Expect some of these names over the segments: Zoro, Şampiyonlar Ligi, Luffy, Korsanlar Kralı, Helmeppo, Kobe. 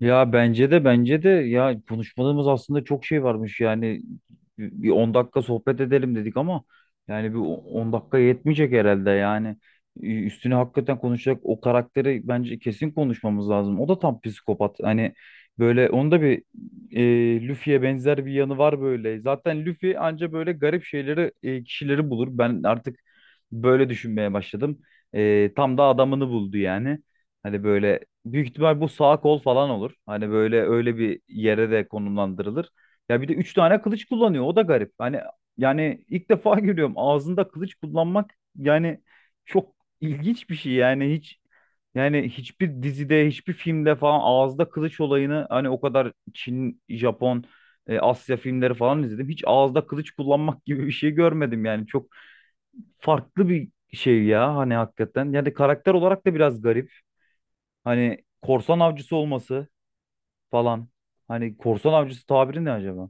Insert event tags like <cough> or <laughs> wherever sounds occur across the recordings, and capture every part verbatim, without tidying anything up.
Ya bence de bence de ya konuşmadığımız aslında çok şey varmış yani bir on dakika sohbet edelim dedik ama yani bir on dakika yetmeyecek herhalde yani. Ü- üstüne hakikaten konuşacak o karakteri bence kesin konuşmamız lazım. O da tam psikopat. Hani böyle onda bir, e, Luffy'ye benzer bir yanı var. Böyle zaten Luffy anca böyle garip şeyleri, e, kişileri bulur. Ben artık böyle düşünmeye başladım. E, tam da adamını buldu yani. Hani böyle, büyük ihtimal bu sağ kol falan olur. Hani böyle öyle bir yere de konumlandırılır. Ya bir de üç tane kılıç kullanıyor. O da garip. Hani yani ilk defa <laughs> görüyorum ağzında kılıç kullanmak, yani çok ilginç bir şey. Yani hiç yani hiçbir dizide, hiçbir filmde falan ağızda kılıç olayını, hani o kadar Çin, Japon, e, Asya filmleri falan izledim, hiç ağızda kılıç kullanmak <laughs> gibi bir şey görmedim yani. Çok farklı bir şey ya hani, hakikaten. Yani karakter olarak da biraz garip. Hani korsan avcısı olması falan. Hani korsan avcısı tabiri ne acaba?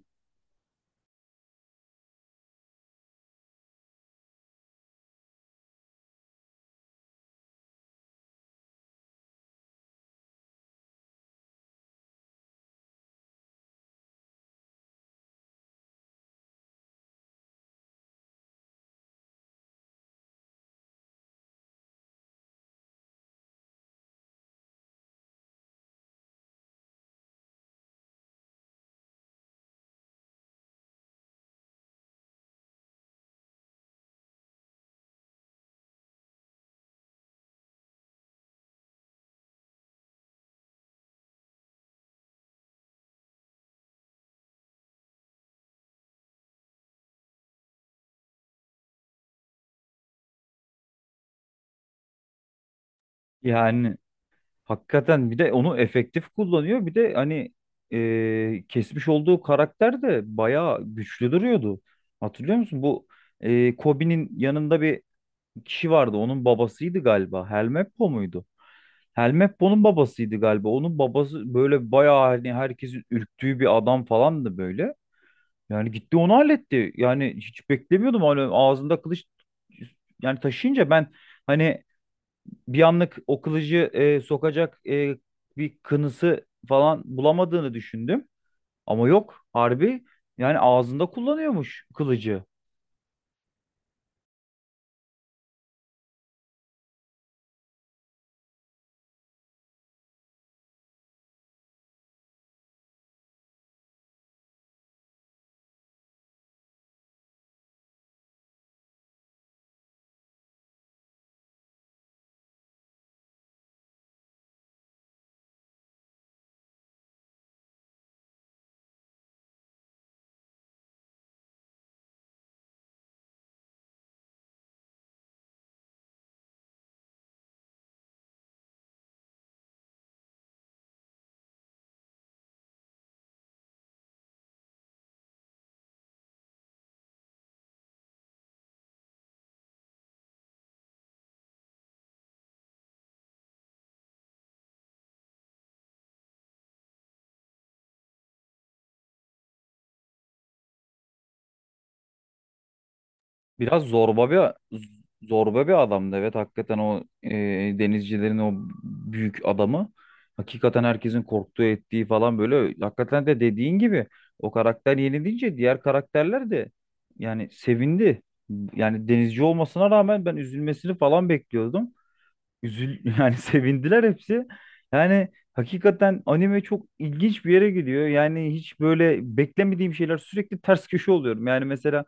Yani hakikaten bir de onu efektif kullanıyor. Bir de hani, e, kesmiş olduğu karakter de bayağı güçlü duruyordu. Hatırlıyor musun? Bu, e, Kobe'nin yanında bir kişi vardı. Onun babasıydı galiba. Helmeppo muydu? Helmeppo'nun babasıydı galiba. Onun babası böyle bayağı, hani herkesin ürktüğü bir adam falandı böyle. Yani gitti onu halletti. Yani hiç beklemiyordum. Hani ağzında kılıç yani taşıyınca ben hani bir anlık o kılıcı e, sokacak e, bir kınısı falan bulamadığını düşündüm. Ama yok, harbi yani ağzında kullanıyormuş kılıcı. Biraz zorba bir zorba bir adamdı. Evet, hakikaten o, e, denizcilerin o büyük adamı, hakikaten herkesin korktuğu, ettiği falan, böyle hakikaten de, dediğin gibi o karakter yenilince diğer karakterler de yani sevindi. Yani denizci olmasına rağmen ben üzülmesini falan bekliyordum. Üzül <laughs> yani sevindiler hepsi. Yani hakikaten anime çok ilginç bir yere gidiyor. Yani hiç böyle beklemediğim şeyler, sürekli ters köşe oluyorum. Yani mesela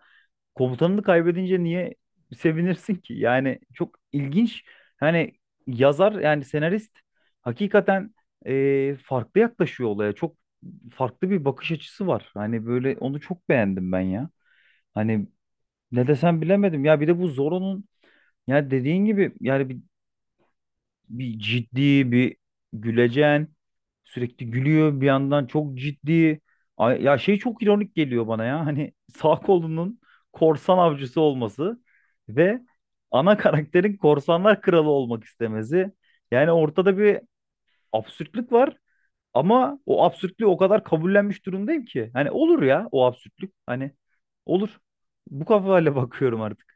komutanını kaybedince niye sevinirsin ki? Yani çok ilginç. Hani yazar, yani senarist hakikaten, e, farklı yaklaşıyor olaya. Çok farklı bir bakış açısı var. Hani böyle onu çok beğendim ben ya. Hani ne desem bilemedim. Ya bir de bu Zoro'nun, ya dediğin gibi yani bir ciddi bir gülecen, sürekli gülüyor bir yandan çok ciddi. Ay- ya şey, çok ironik geliyor bana ya, hani sağ kolunun korsan avcısı olması ve ana karakterin korsanlar kralı olmak istemesi. Yani ortada bir absürtlük var, ama o absürtlüğü o kadar kabullenmiş durumdayım ki, hani olur ya o absürtlük, hani olur, bu kafayla <laughs> bakıyorum artık.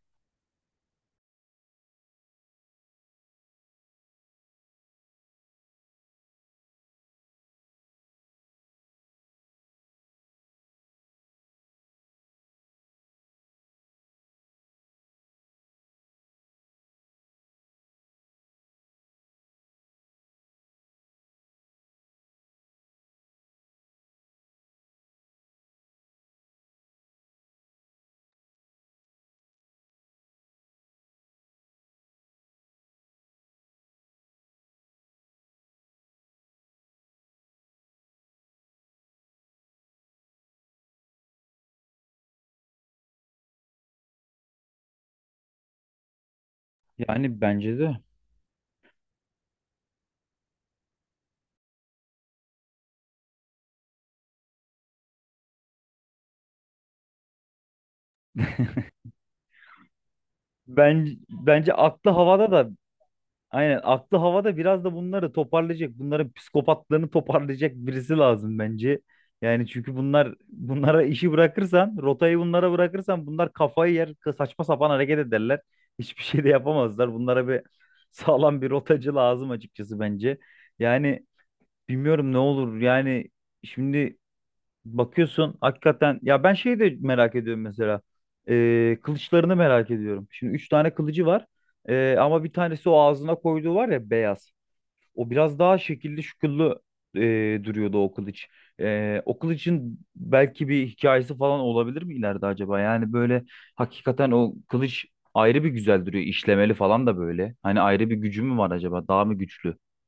Yani bence de. Ben bence aklı havada da. Aynen, aklı havada biraz da bunları toparlayacak, bunların psikopatlığını toparlayacak birisi lazım bence. Yani çünkü bunlar, bunlara işi bırakırsan, rotayı bunlara bırakırsan bunlar kafayı yer, saçma sapan hareket ederler. Hiçbir şey de yapamazlar. Bunlara bir <laughs> sağlam bir rotacı lazım açıkçası, bence. Yani bilmiyorum ne olur. Yani şimdi, bakıyorsun hakikaten ya, ben şeyi de merak ediyorum mesela. Ee, kılıçlarını merak ediyorum. Şimdi üç tane kılıcı var. Ee, ama bir tanesi o ağzına koyduğu var ya, beyaz. O biraz daha şekilli şüküllü e, duruyordu o kılıç. Ee, o kılıcın belki bir hikayesi falan olabilir mi ileride acaba? Yani böyle hakikaten o kılıç ayrı bir güzel duruyor. İşlemeli falan da böyle. Hani ayrı bir gücü mü var acaba? Daha mı güçlü? <laughs>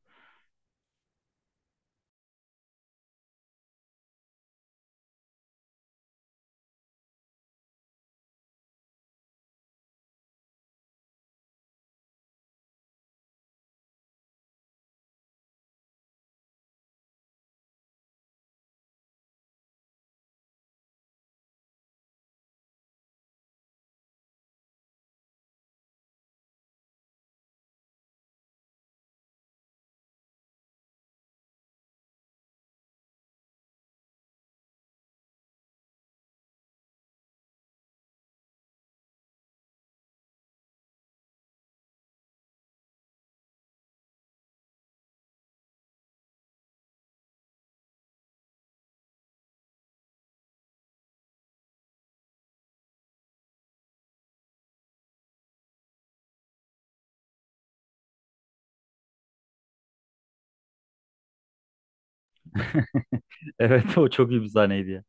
Evet, o çok iyi bir sahneydi ya.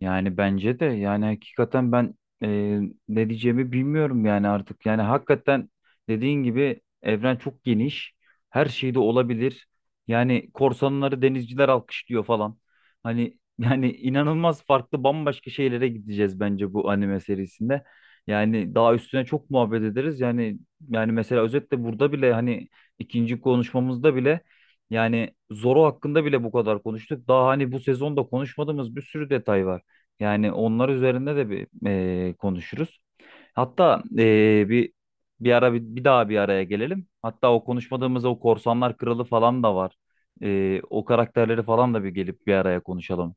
Yani bence de, yani hakikaten ben, e, ne diyeceğimi bilmiyorum yani artık. Yani hakikaten dediğin gibi evren çok geniş. Her şey de olabilir. Yani korsanları denizciler alkışlıyor falan. Hani <laughs> yani inanılmaz farklı bambaşka şeylere gideceğiz bence bu anime serisinde. Yani daha üstüne çok muhabbet ederiz. Yani yani mesela özetle burada bile, hani ikinci konuşmamızda bile, yani Zoro hakkında bile bu kadar konuştuk. Daha hani bu sezonda konuşmadığımız bir sürü detay var. Yani onlar üzerinde de bir eee, konuşuruz. Hatta eee, bir bir ara bir, bir daha bir araya gelelim. Hatta o konuşmadığımız o Korsanlar Kralı falan da var. Eee, o karakterleri falan da bir gelip bir araya konuşalım.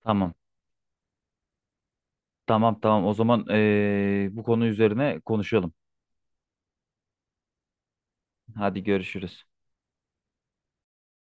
Tamam. Tamam tamam. O zaman eee, bu konu üzerine konuşalım. Hadi, görüşürüz.